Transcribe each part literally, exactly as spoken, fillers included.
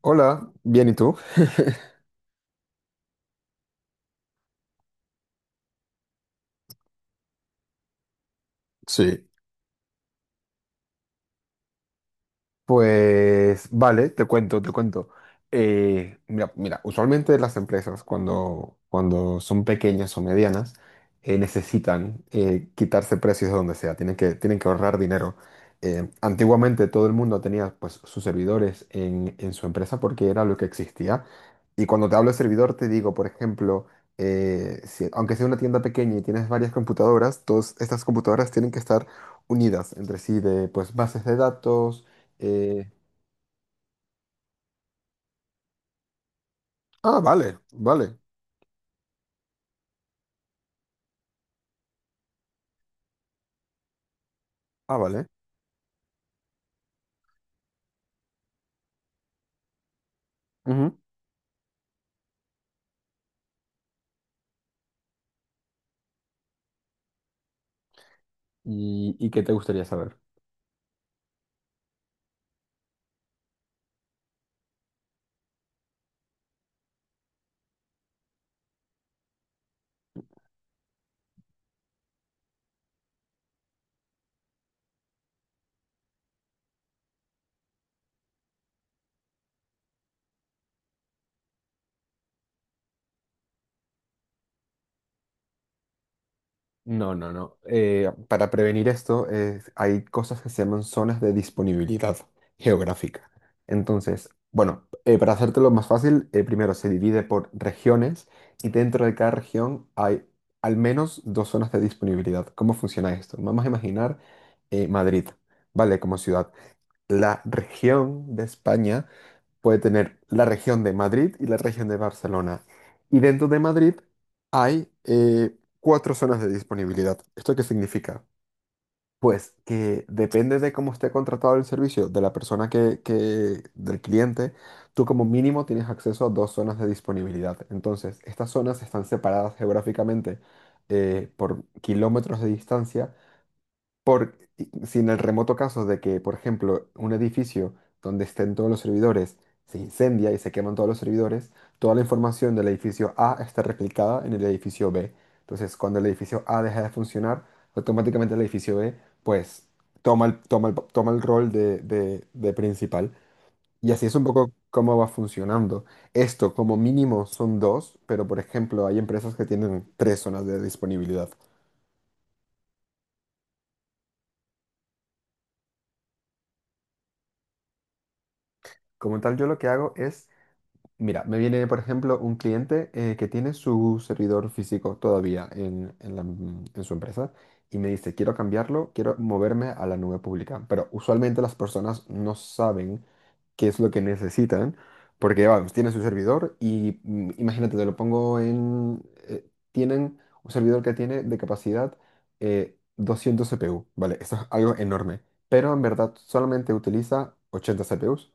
Hola, bien, ¿y tú? Sí. Pues vale, te cuento, te cuento. Eh, mira, mira, usualmente las empresas cuando, cuando son pequeñas o medianas eh, necesitan eh, quitarse precios de donde sea, tienen que, tienen que ahorrar dinero. Eh, antiguamente todo el mundo tenía pues, sus servidores en, en su empresa porque era lo que existía. Y cuando te hablo de servidor te digo, por ejemplo, eh, si- aunque sea una tienda pequeña y tienes varias computadoras, todas estas computadoras tienen que estar unidas entre sí de pues, bases de datos eh, Ah, vale, vale. Ah, vale. Ujú. ¿y, y qué te gustaría saber? No, no, no. Eh, para prevenir esto, eh, hay cosas que se llaman zonas de disponibilidad geográfica. Entonces, bueno, eh, para hacértelo más fácil, eh, primero se divide por regiones y dentro de cada región hay al menos dos zonas de disponibilidad. ¿Cómo funciona esto? Vamos a imaginar eh, Madrid, ¿vale? Como ciudad. La región de España puede tener la región de Madrid y la región de Barcelona. Y dentro de Madrid hay eh, cuatro zonas de disponibilidad. ¿Esto qué significa? Pues que depende de cómo esté contratado el servicio de la persona que, que- del cliente, tú como mínimo tienes acceso a dos zonas de disponibilidad. Entonces, estas zonas están separadas geográficamente eh, por kilómetros de distancia por, si en el remoto caso de que, por ejemplo, un edificio donde estén todos los servidores se incendia y se queman todos los servidores, toda la información del edificio A está replicada en el edificio B. Entonces, cuando el edificio A deja de funcionar, automáticamente el edificio B, pues, toma el, toma el, toma el rol de, de- de principal. Y así es un poco cómo va funcionando. Esto, como mínimo, son dos, pero, por ejemplo, hay empresas que tienen tres zonas de disponibilidad. Como tal, yo lo que hago es Mira, me viene, por ejemplo, un cliente eh, que tiene su servidor físico todavía en, en la- mm, en su empresa y me dice, quiero cambiarlo, quiero moverme a la nube pública. Pero usualmente las personas no saben qué es lo que necesitan, porque, vamos, tiene su servidor y mm, imagínate, te lo pongo en... eh, tienen un servidor que tiene de capacidad eh, doscientos C P U, ¿vale? Eso es algo enorme, pero en verdad solamente utiliza ochenta C P Us.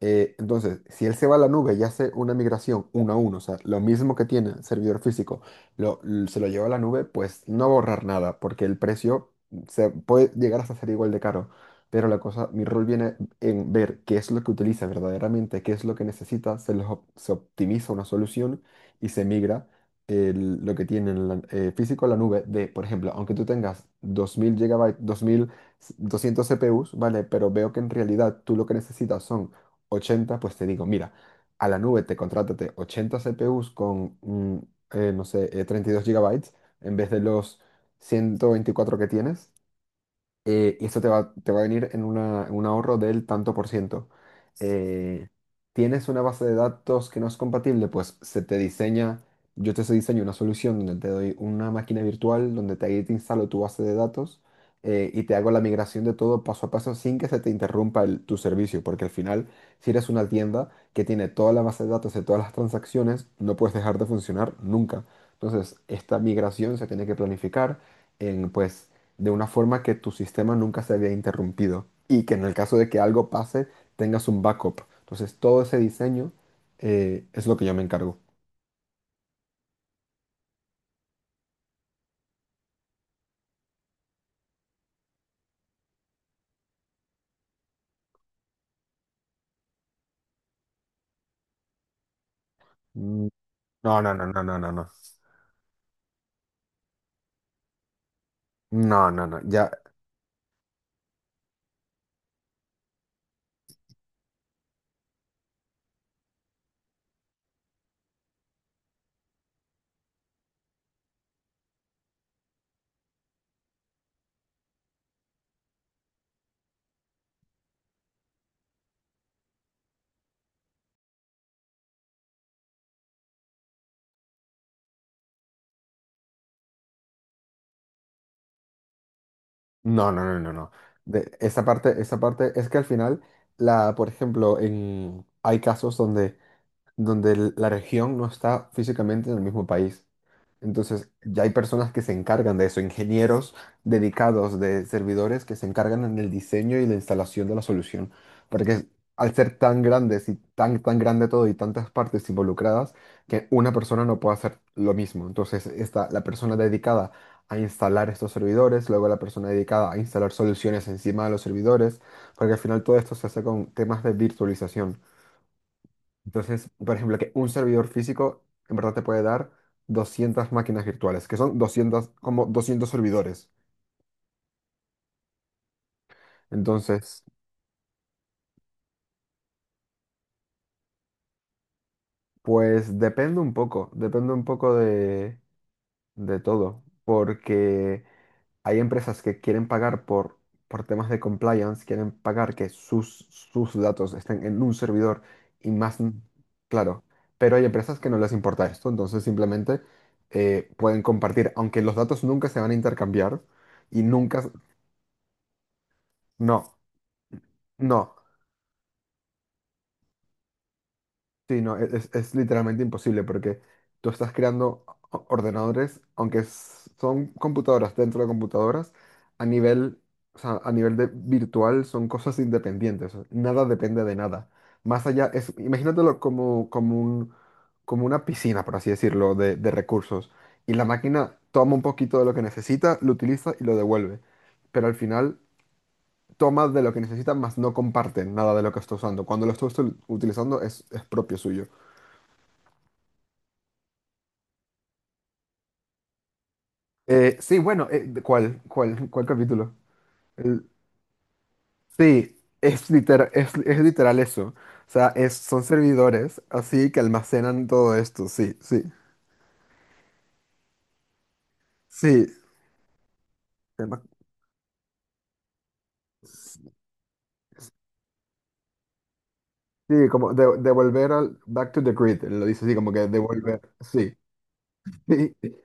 Eh, entonces, si él se va a la nube y hace una migración uno a uno, o sea, lo mismo que tiene el servidor físico, lo, l- se lo lleva a la nube, pues no va a ahorrar nada, porque el precio se puede llegar hasta ser igual de caro. Pero la cosa, mi rol viene en ver qué es lo que utiliza verdaderamente, qué es lo que necesita, se, los op- se optimiza una solución y se migra el- lo que tiene en la- eh, físico a la nube de, por ejemplo, aunque tú tengas dos mil G B, dos mil doscientos C P Us, ¿vale? Pero veo que en realidad tú lo que necesitas son ochenta, pues te digo, mira, a la nube te contrátate ochenta C P Us con, mm, eh, no sé, eh, treinta y dos gigabytes en vez de los ciento veinticuatro que tienes eh, Y esto te va, te va a venir en, una- en un ahorro del tanto por ciento. Eh, ¿Tienes una base de datos que no es compatible? Pues se te diseña, yo te diseño una solución donde te doy una máquina virtual, donde te, ahí te instalo tu base de datos eh, y te hago la migración de todo paso a paso sin que se te interrumpa el- tu servicio, porque al final, si eres una tienda que tiene toda la base de datos de todas las transacciones, no puedes dejar de funcionar nunca. Entonces, esta migración se tiene que planificar en, pues, de una forma que tu sistema nunca se había interrumpido y que en el caso de que algo pase tengas un backup. Entonces todo ese diseño eh, es lo que yo me encargo. Mm. No, no, no, no, no, no, no. No, no, no, ya, no, no, no, no, no. De, esa parte, esa parte es que al final, la, por ejemplo, en, hay casos donde, donde el- la región no está físicamente en el mismo país. Entonces, ya hay personas que se encargan de eso, ingenieros dedicados de servidores que se encargan en el diseño y la instalación de la solución. Porque al ser tan grandes y tan, tan grande todo y tantas partes involucradas, que una persona no puede hacer lo mismo. Entonces, está la persona dedicada a instalar estos servidores, luego la persona dedicada a instalar soluciones encima de los servidores, porque al final todo esto se hace con temas de virtualización. Entonces, por ejemplo, que un servidor físico en verdad te puede dar doscientas máquinas virtuales, que son doscientos, como doscientos servidores. Entonces, pues depende un poco, depende un poco de, de todo, porque hay empresas que quieren pagar por, por temas de compliance, quieren pagar que sus, sus datos estén en un servidor y más, n- claro, pero hay empresas que no les importa esto, entonces simplemente eh, pueden compartir, aunque los datos nunca se van a intercambiar y nunca. No, no, sí, no, es, es- es literalmente imposible porque tú estás creando o- ordenadores, aunque s- son computadoras dentro de computadoras, a nivel, o sea, a nivel de virtual son cosas independientes, nada depende de nada. Más allá, es, imagínatelo como, como un, como una piscina, por así decirlo, de, de recursos. Y la máquina toma un poquito de lo que necesita, lo utiliza y lo devuelve. Pero al final toma de lo que necesita, más no comparte nada de lo que está usando. Cuando lo está ustu- utilizando es, es propio suyo. Eh, sí, bueno, eh, ¿cuál, cuál, cuál capítulo? El- sí, es, liter- es, es literal eso. O sea, es, son servidores, así que almacenan todo esto, sí, sí, sí. Tema- Sí, como de- devolver al back to the grid, lo dice así, como que devolver, sí.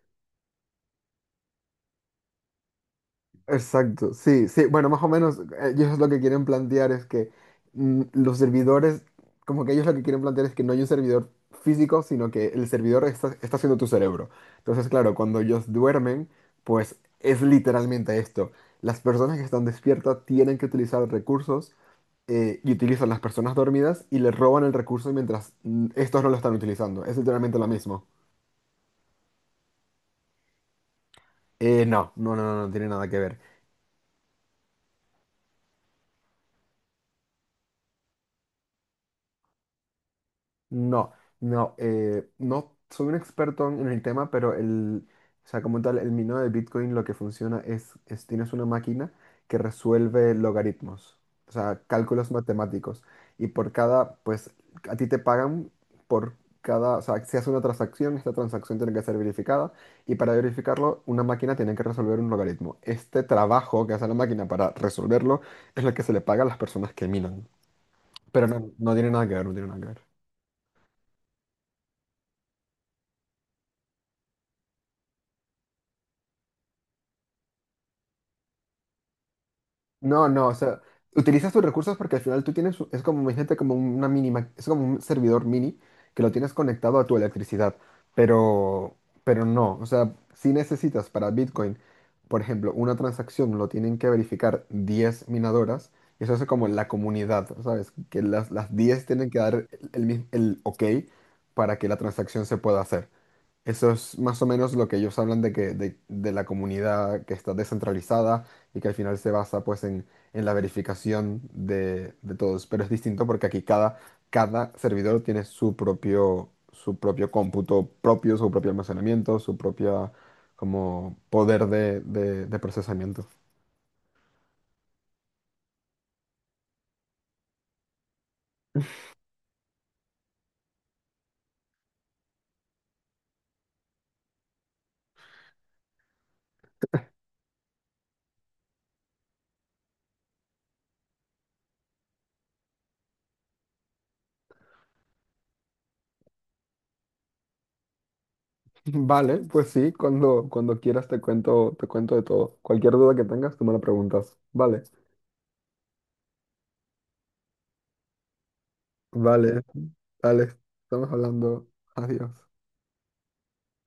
Exacto, sí, sí, bueno, más o menos eh, ellos lo que quieren plantear es que mm, los servidores, como que ellos lo que quieren plantear es que no hay un servidor físico, sino que el servidor está, está siendo tu cerebro. Entonces, claro, cuando ellos duermen, pues es literalmente esto. Las personas que están despiertas tienen que utilizar recursos eh, y utilizan las personas dormidas y les roban el recurso mientras mm, estos no lo están utilizando. Es literalmente lo mismo. Eh, no, no, no, no, no tiene nada que ver. No, no, eh, no soy un experto en el tema, pero el, o sea, como tal, el minado de Bitcoin lo que funciona es, es tienes una máquina que resuelve logaritmos, o sea, cálculos matemáticos. Y por cada, pues, a ti te pagan por cada, o sea, si haces una transacción, esta transacción tiene que ser verificada. Y para verificarlo, una máquina tiene que resolver un logaritmo. Este trabajo que hace la máquina para resolverlo es lo que se le paga a las personas que minan. Pero no, no tiene nada que ver, no tiene nada que ver. No, no, o sea, utilizas tus recursos porque al final tú tienes, es como, imagínate, como una mínima, es como un servidor mini que lo tienes conectado a tu electricidad, pero, pero no, o sea, si necesitas para Bitcoin, por ejemplo, una transacción lo tienen que verificar diez minadoras, y eso es como la comunidad, ¿sabes? Que las, las diez tienen que dar el, el, mis- el ok para que la transacción se pueda hacer. Eso es más o menos lo que ellos hablan de que de, de la comunidad que está descentralizada y que al final se basa pues en, en la verificación de, de todos. Pero es distinto porque aquí cada, cada servidor tiene su propio, su propio cómputo propio, su propio almacenamiento, su propia como poder de, de- de procesamiento. Vale, pues sí, cuando, cuando quieras te cuento, te cuento de todo. Cualquier duda que tengas, tú me la preguntas. Vale, vale, Alex, estamos hablando. Adiós.